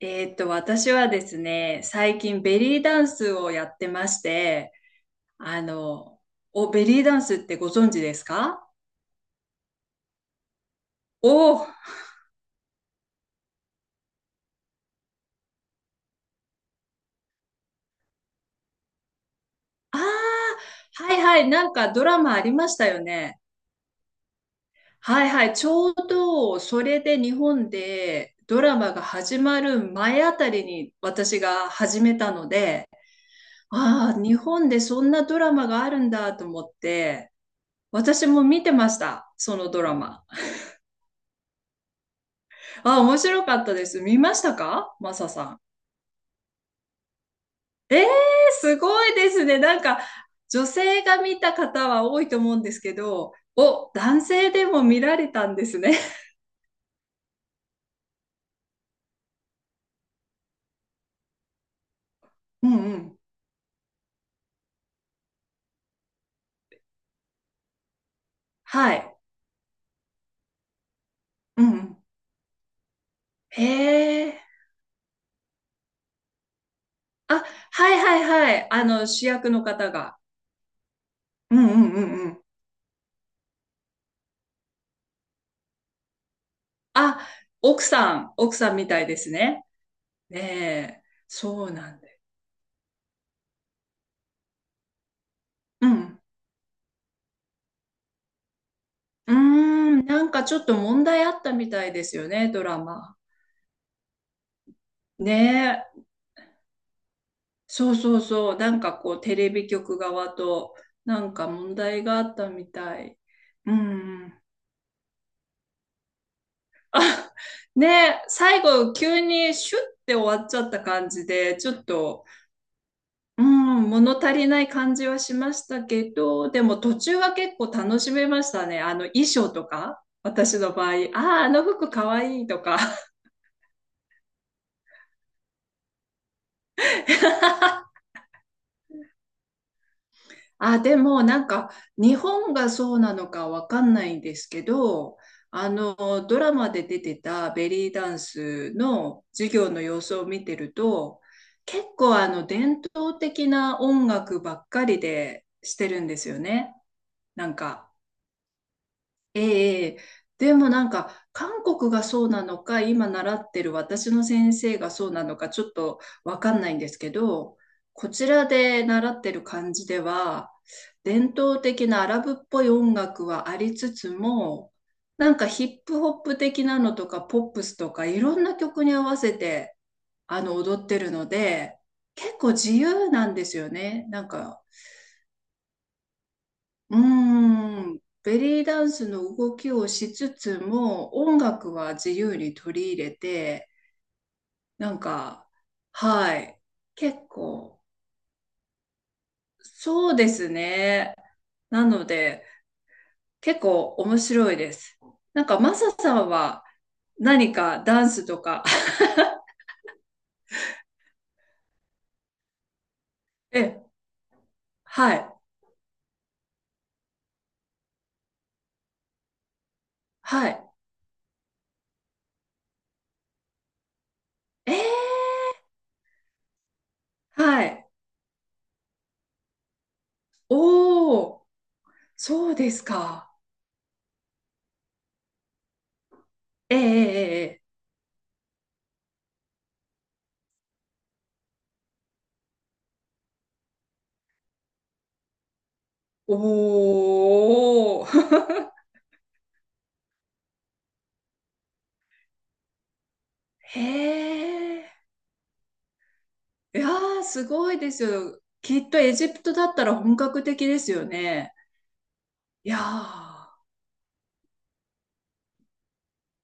私はですね、最近ベリーダンスをやってまして、あの、お、ベリーダンスってご存知ですか？おー、あー、はいはい、なんかドラマありましたよね。はいはい、ちょうどそれで日本でドラマが始まる前あたりに私が始めたので、ああ、日本でそんなドラマがあるんだと思って、私も見てました、そのドラマ。ああ、面白かったです。見ましたかマサさん？ええ、すごいですね。なんか、女性が見た方は多いと思うんですけど、お、男性でも見られたんですね。うんうん。はい。うんうん。へえ。あ、はいはいはい。あの、主役の方が。うんうんうんうん。あ、奥さん、奥さんみたいですね。ねえ、そうなんで。うん。うーん、なんかちょっと問題あったみたいですよね、ドラマ。ねえ。そうそうそう、なんかこうテレビ局側となんか問題があったみたい。うん。あ、ねえ、最後急にシュッて終わっちゃった感じで、ちょっと、うん、物足りない感じはしましたけど、でも途中は結構楽しめましたね。あの衣装とか、私の場合、ああ、あの服かわいいとか。あ、でもなんか日本がそうなのかわかんないんですけど、あのドラマで出てたベリーダンスの授業の様子を見てると、結構あの伝統的な音楽ばっかりでしてるんですよね。なんか、ええ、でもなんか韓国がそうなのか、今習ってる私の先生がそうなのか、ちょっとわかんないんですけど、こちらで習ってる感じでは、伝統的なアラブっぽい音楽はありつつも、なんかヒップホップ的なのとかポップスとかいろんな曲に合わせてあの踊ってるので、結構自由なんですよね。なんか、うーん、ベリーダンスの動きをしつつも、音楽は自由に取り入れて、なんか、はい、結構、そうですね。なので、結構面白いです。なんか、マサさんは何かダンスとか？え、はい、はい、えー、はい、おー、そうですか。ええええええ、おー、へえ。いやー、すごいですよ。きっとエジプトだったら本格的ですよね。いやー、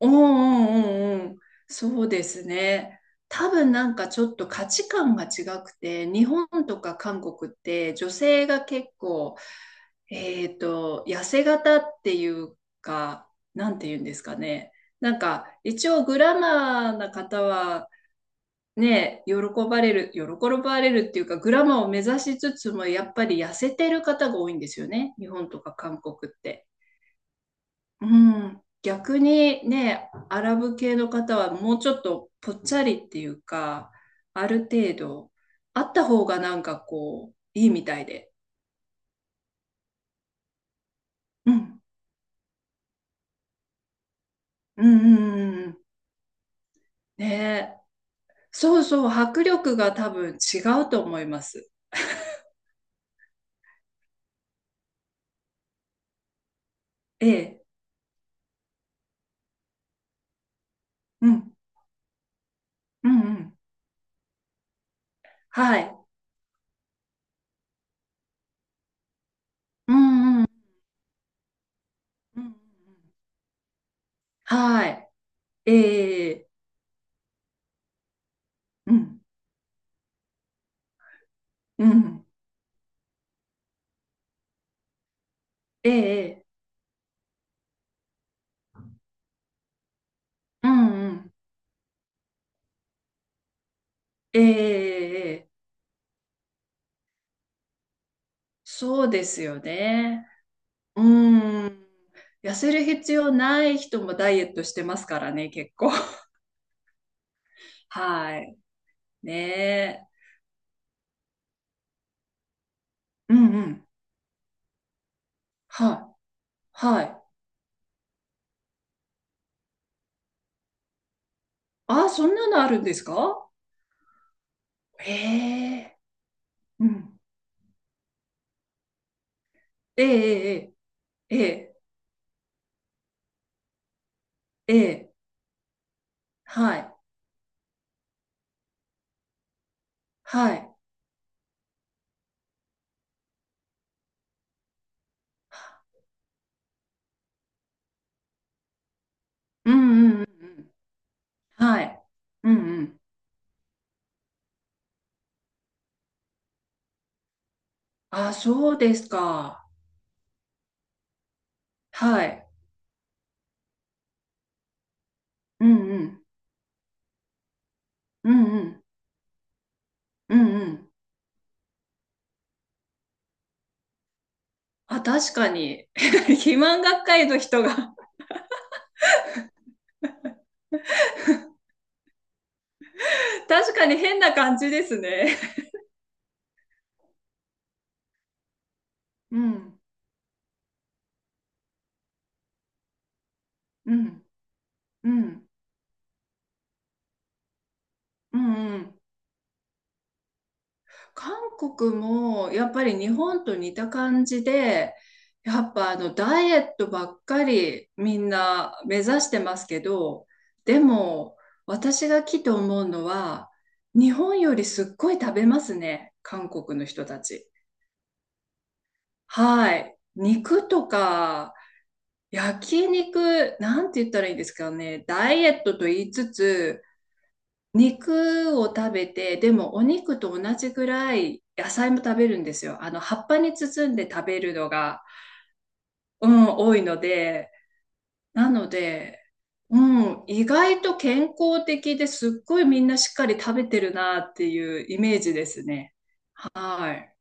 うんうんうんうん。そうですね。多分なんかちょっと価値観が違くて、日本とか韓国って女性が結構、痩せ型っていうか、なんて言うんですかね。なんか一応グラマーな方はね、喜ばれる、喜ばれるっていうか、グラマーを目指しつつも、やっぱり痩せてる方が多いんですよね。日本とか韓国って。うん。逆にね、アラブ系の方はもうちょっとぽっちゃりっていうか、ある程度、あった方がなんかこう、いいみたいで。うん。うんうんうんうん、ねえ。そうそう、迫力が多分違うと思います。ええ。うん。うんうん。はい。うんうんうん。はい。ええ、うん、うん、ええ、うん、うん、ええええ、そうですよね。うん。痩せる必要ない人もダイエットしてますからね、結構。はい。ねえ。うん、うん、はい。はい。あ、そんなのあるんですか？ええ、うん、ええええええええ、はい。はい。うん、うん、うんうん、はい。うん、うん。あ、そうですか。はい。うんうん。うんうん。うんうん。あ、確かに。肥満学会の人が？ 確かに変な感じですね。うん。うん。うん。うんうん。韓国もやっぱり日本と似た感じで、やっぱあのダイエットばっかりみんな目指してますけど、でも私が来て思うのは、日本よりすっごい食べますね、韓国の人たち。はい。肉とか、焼肉、なんて言ったらいいですかね。ダイエットと言いつつ、肉を食べて、でもお肉と同じぐらい野菜も食べるんですよ。あの、葉っぱに包んで食べるのが、うん、多いので、なので、うん、意外と健康的ですっごいみんなしっかり食べてるなっていうイメージですね。はい。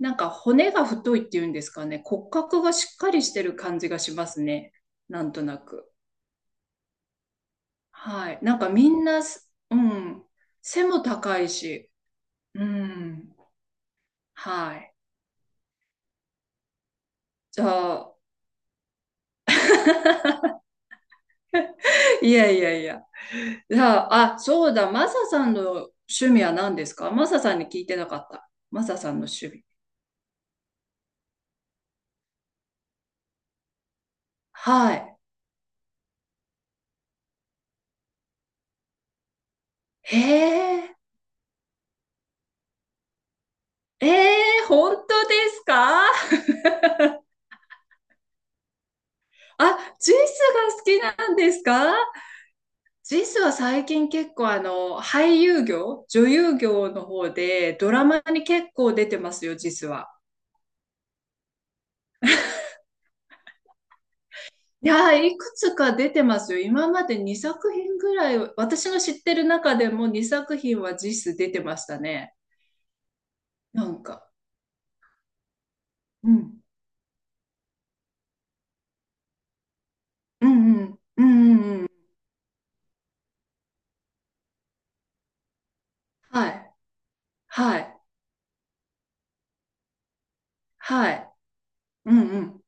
なんか骨が太いっていうんですかね。骨格がしっかりしてる感じがしますね。なんとなく。はい。なんかみんなす、うん。背も高いし。うん。はい。じゃあ、いやいやいや。じゃあ、あ、そうだ。マサさんの趣味は何ですか？マサさんに聞いてなかった。マサさんの趣味。はい。へえ。ええ、本当ですか？ あ、ジスが好きなんですか？ジスは最近結構あの、俳優業、女優業の方でドラマに結構出てますよ、ジスは。いやー、いくつか出てますよ。今まで2作品ぐらい、私の知ってる中でも2作品は実質出てましたね。なんか。うん。うんうん。うんうんうん。はい。はい。はい。うんうん。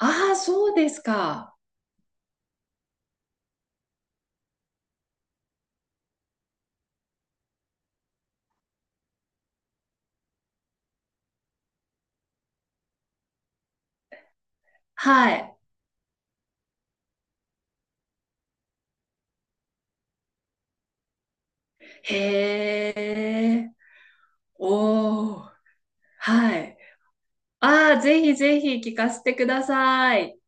ああ、そうですか。はい。へえ。おー。はい。ああ、ぜひぜひ聞かせてください。